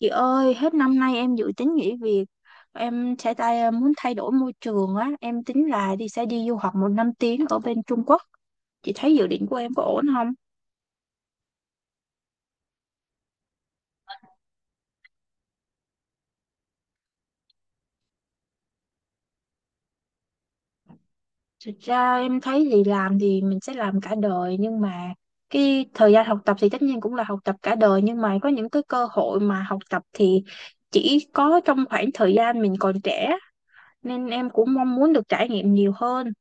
Chị ơi, hết năm nay em dự tính nghỉ việc. Em sẽ tay muốn thay đổi môi trường á, em tính là đi du học một năm tiếng ở bên Trung Quốc. Chị thấy dự định của em có ổn không? Thực ra em thấy thì làm thì mình sẽ làm cả đời, nhưng mà cái thời gian học tập thì tất nhiên cũng là học tập cả đời, nhưng mà có những cái cơ hội mà học tập thì chỉ có trong khoảng thời gian mình còn trẻ, nên em cũng mong muốn được trải nghiệm nhiều hơn.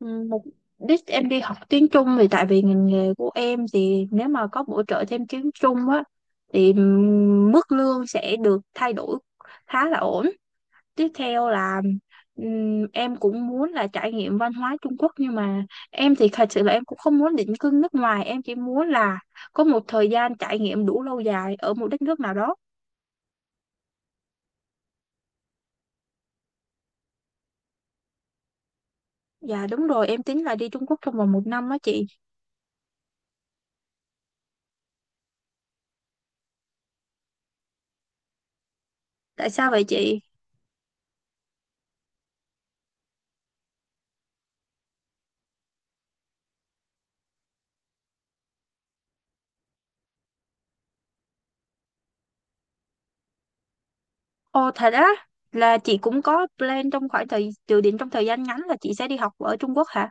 Một đích em đi học tiếng Trung thì tại vì ngành nghề của em thì nếu mà có bổ trợ thêm tiếng Trung á thì mức lương sẽ được thay đổi khá là ổn. Tiếp theo là em cũng muốn là trải nghiệm văn hóa Trung Quốc, nhưng mà em thì thật sự là em cũng không muốn định cư nước ngoài, em chỉ muốn là có một thời gian trải nghiệm đủ lâu dài ở một đất nước nào đó. Dạ đúng rồi, em tính là đi Trung Quốc trong vòng một năm á chị. Tại sao vậy chị? Ồ thật á, là chị cũng có plan trong khoảng thời dự định trong thời gian ngắn là chị sẽ đi học ở Trung Quốc hả?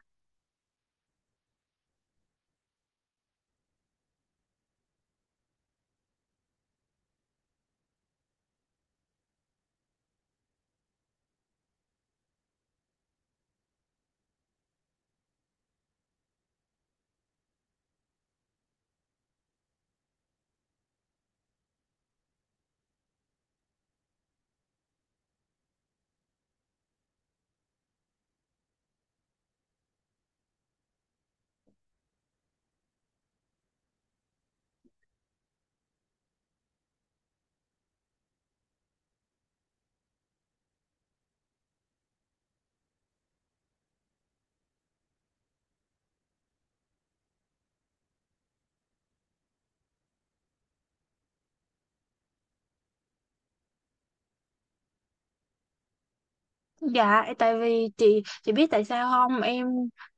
Dạ, tại vì chị biết tại sao không? Em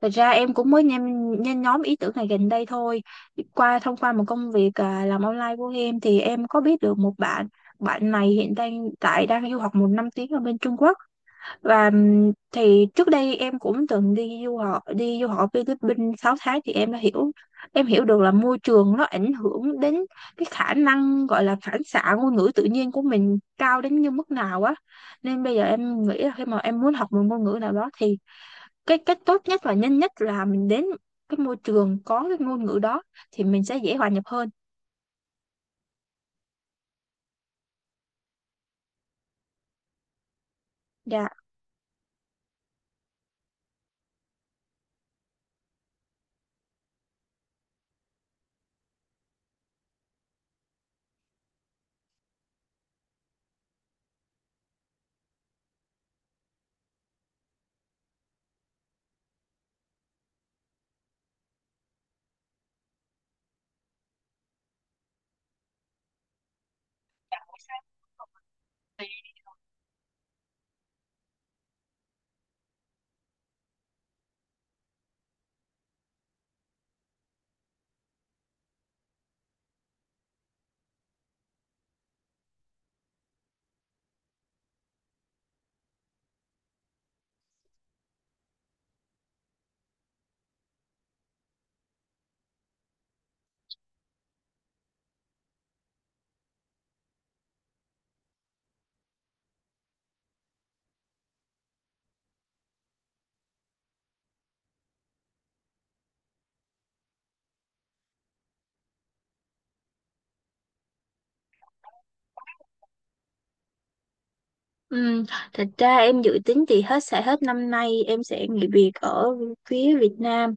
thật ra em cũng mới nhen nhóm ý tưởng này gần đây thôi. Thông qua một công việc à, làm online của em thì em có biết được một bạn, bạn này hiện đang du học một năm tiếng ở bên Trung Quốc. Và thì trước đây em cũng từng đi du học Philippines 6 tháng, thì em đã hiểu được là môi trường nó ảnh hưởng đến cái khả năng gọi là phản xạ ngôn ngữ tự nhiên của mình cao đến như mức nào á, nên bây giờ em nghĩ là khi mà em muốn học một ngôn ngữ nào đó thì cái cách tốt nhất và nhanh nhất là mình đến cái môi trường có cái ngôn ngữ đó thì mình sẽ dễ hòa nhập hơn. Dạ. Ừm, Thật ra em dự tính thì hết năm nay em sẽ nghỉ việc ở phía Việt Nam,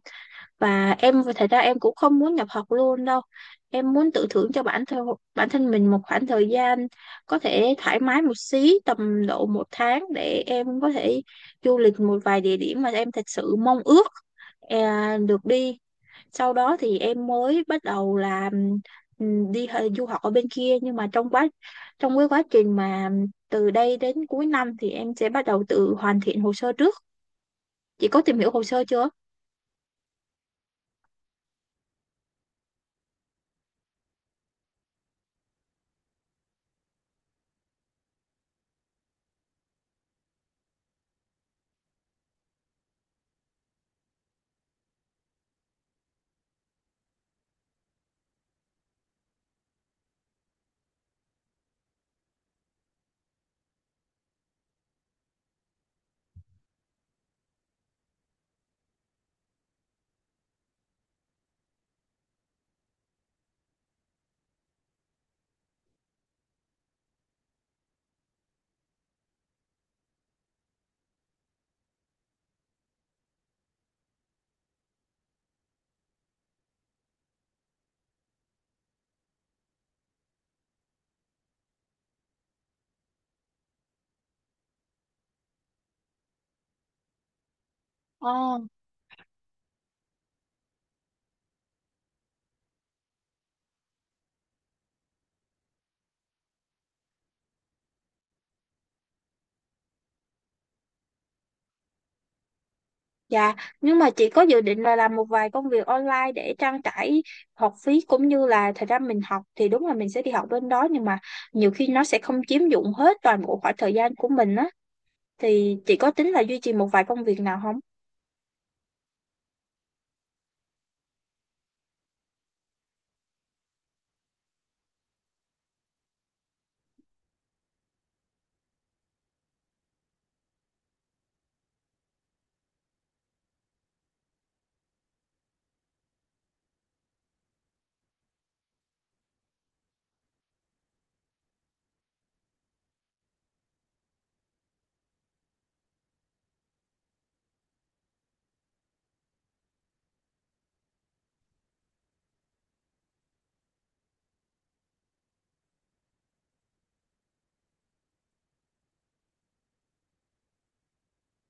và em thật ra em cũng không muốn nhập học luôn đâu, em muốn tự thưởng cho bản thân mình một khoảng thời gian có thể thoải mái một xí, tầm độ một tháng, để em có thể du lịch một vài địa điểm mà em thật sự mong ước được đi. Sau đó thì em mới bắt đầu là đi du học ở bên kia, nhưng mà trong cái quá trình mà từ đây đến cuối năm thì em sẽ bắt đầu tự hoàn thiện hồ sơ trước. Chị có tìm hiểu hồ sơ chưa? Ờ. Dạ, nhưng mà chị có dự định là làm một vài công việc online để trang trải học phí cũng như là thời gian mình học thì đúng là mình sẽ đi học bên đó, nhưng mà nhiều khi nó sẽ không chiếm dụng hết toàn bộ khoảng thời gian của mình á, thì chị có tính là duy trì một vài công việc nào không?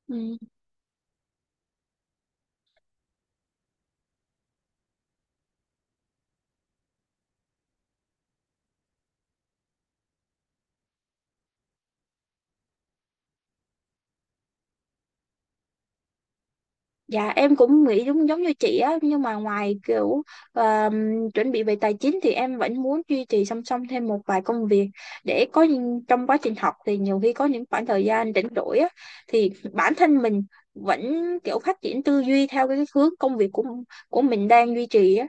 Ừ. Dạ em cũng nghĩ giống giống như chị á, nhưng mà ngoài kiểu ờ, chuẩn bị về tài chính thì em vẫn muốn duy trì song song thêm một vài công việc để có trong quá trình học thì nhiều khi có những khoảng thời gian rảnh rỗi á, thì bản thân mình vẫn kiểu phát triển tư duy theo cái hướng công việc của mình đang duy trì á.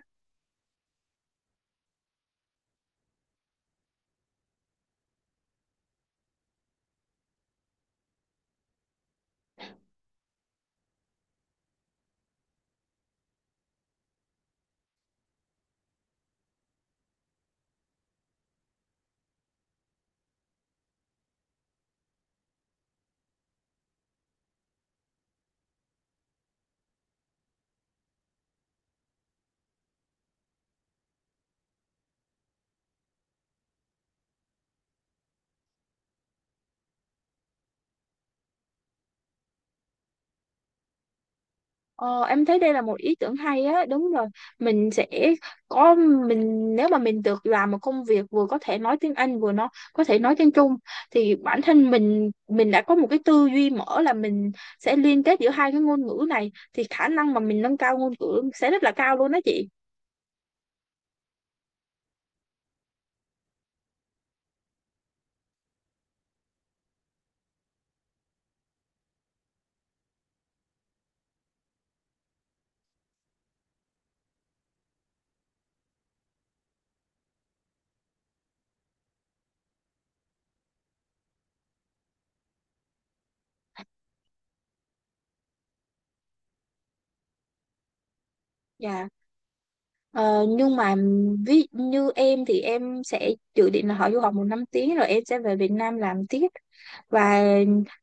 Ờ, em thấy đây là một ý tưởng hay á, đúng rồi. Mình sẽ có, mình nếu mà mình được làm một công việc vừa có thể nói tiếng Anh vừa nó có thể nói tiếng Trung thì bản thân mình đã có một cái tư duy mở, là mình sẽ liên kết giữa hai cái ngôn ngữ này thì khả năng mà mình nâng cao ngôn ngữ sẽ rất là cao luôn đó chị. Dạ. Ờ, nhưng mà ví như em thì em sẽ dự định là họ du học một năm tiếng rồi em sẽ về Việt Nam làm tiếp, và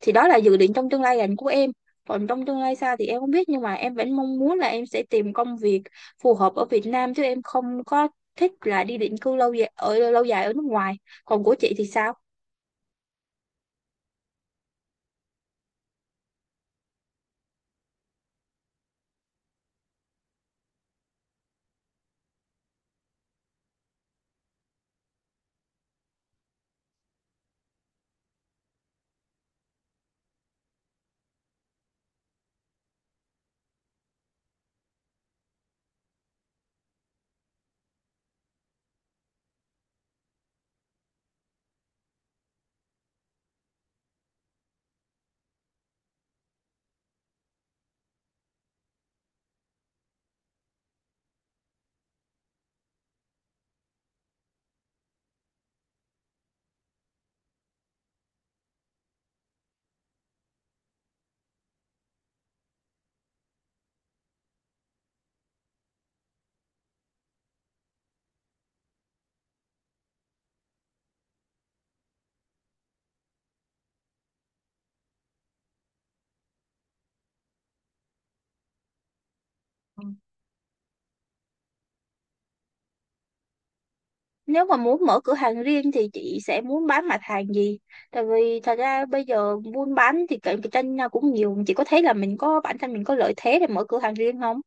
thì đó là dự định trong tương lai gần của em. Còn trong tương lai xa thì em không biết, nhưng mà em vẫn mong muốn là em sẽ tìm công việc phù hợp ở Việt Nam chứ em không có thích là đi định cư lâu dài ở nước ngoài. Còn của chị thì sao? Nếu mà muốn mở cửa hàng riêng thì chị sẽ muốn bán mặt hàng gì? Tại vì thật ra bây giờ buôn bán thì cạnh tranh nhau cũng nhiều, chị có thấy là mình có bản thân mình có lợi thế để mở cửa hàng riêng không?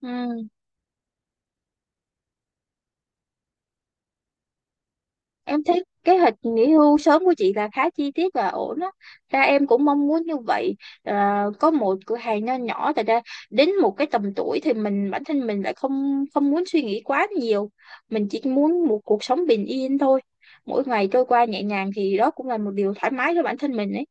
Ừ. Em thấy kế hoạch nghỉ hưu sớm của chị là khá chi tiết và ổn á, ra em cũng mong muốn như vậy, à, có một cửa hàng nho nhỏ tại ra đến một cái tầm tuổi thì bản thân mình lại không không muốn suy nghĩ quá nhiều, mình chỉ muốn một cuộc sống bình yên thôi, mỗi ngày trôi qua nhẹ nhàng thì đó cũng là một điều thoải mái cho bản thân mình ấy.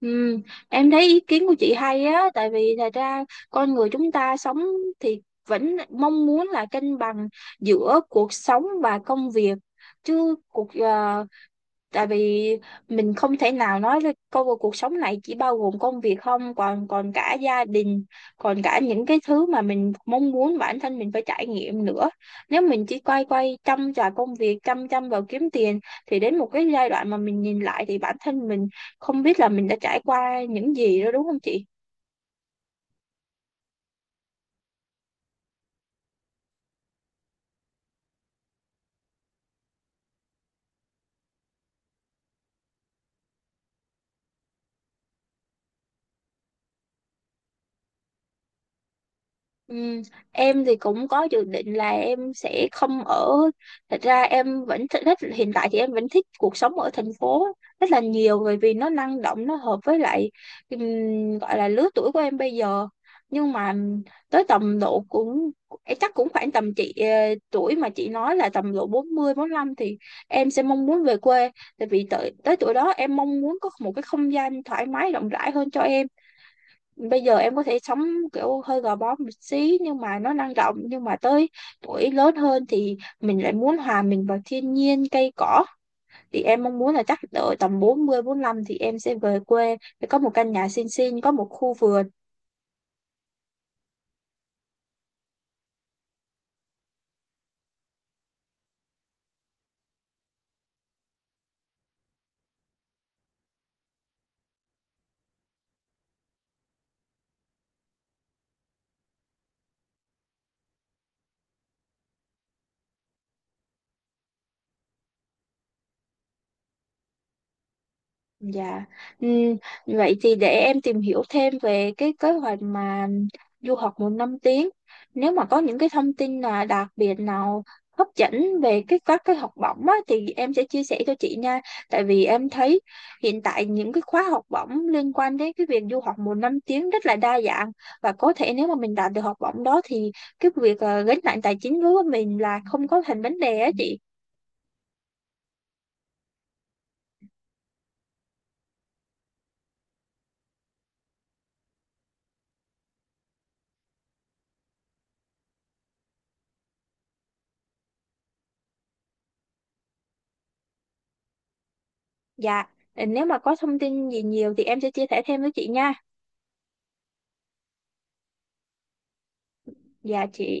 Ừ, em thấy ý kiến của chị hay á, tại vì thật ra con người chúng ta sống thì vẫn mong muốn là cân bằng giữa cuộc sống và công việc. Chứ cuộc ờ, Tại vì mình không thể nào nói là cuộc cuộc sống này chỉ bao gồm công việc, không, còn còn cả gia đình, còn cả những cái thứ mà mình mong muốn bản thân mình phải trải nghiệm nữa. Nếu mình chỉ quay quay chăm vào công việc, chăm chăm vào kiếm tiền, thì đến một cái giai đoạn mà mình nhìn lại thì bản thân mình không biết là mình đã trải qua những gì đó, đúng không chị? Ừ, em thì cũng có dự định là em sẽ không ở, thật ra em vẫn thích hiện tại thì em vẫn thích cuộc sống ở thành phố rất là nhiều, bởi vì nó năng động, nó hợp với lại gọi là lứa tuổi của em bây giờ. Nhưng mà tới tầm độ cũng, em chắc cũng khoảng tầm chị tuổi mà chị nói là tầm độ bốn mươi bốn 45 thì em sẽ mong muốn về quê, tại vì tới tới tuổi đó em mong muốn có một cái không gian thoải mái rộng rãi hơn cho em. Bây giờ em có thể sống kiểu hơi gò bó một xí nhưng mà nó năng động, nhưng mà tới tuổi lớn hơn thì mình lại muốn hòa mình vào thiên nhiên cây cỏ, thì em mong muốn là chắc đợi tầm bốn mươi bốn 45 thì em sẽ về quê để có một căn nhà xinh xinh, có một khu vườn. Dạ. Ừm, Vậy thì để em tìm hiểu thêm về cái kế hoạch mà du học một năm tiếng. Nếu mà có những cái thông tin là đặc biệt nào hấp dẫn về các cái học bổng á, thì em sẽ chia sẻ cho chị nha. Tại vì em thấy hiện tại những cái khóa học bổng liên quan đến cái việc du học một năm tiếng rất là đa dạng, và có thể nếu mà mình đạt được học bổng đó thì cái việc gánh nặng tài chính đối với mình là không có thành vấn đề á chị. Dạ. Ờ, nếu mà có thông tin gì nhiều thì em sẽ chia sẻ thêm với chị nha. Dạ chị.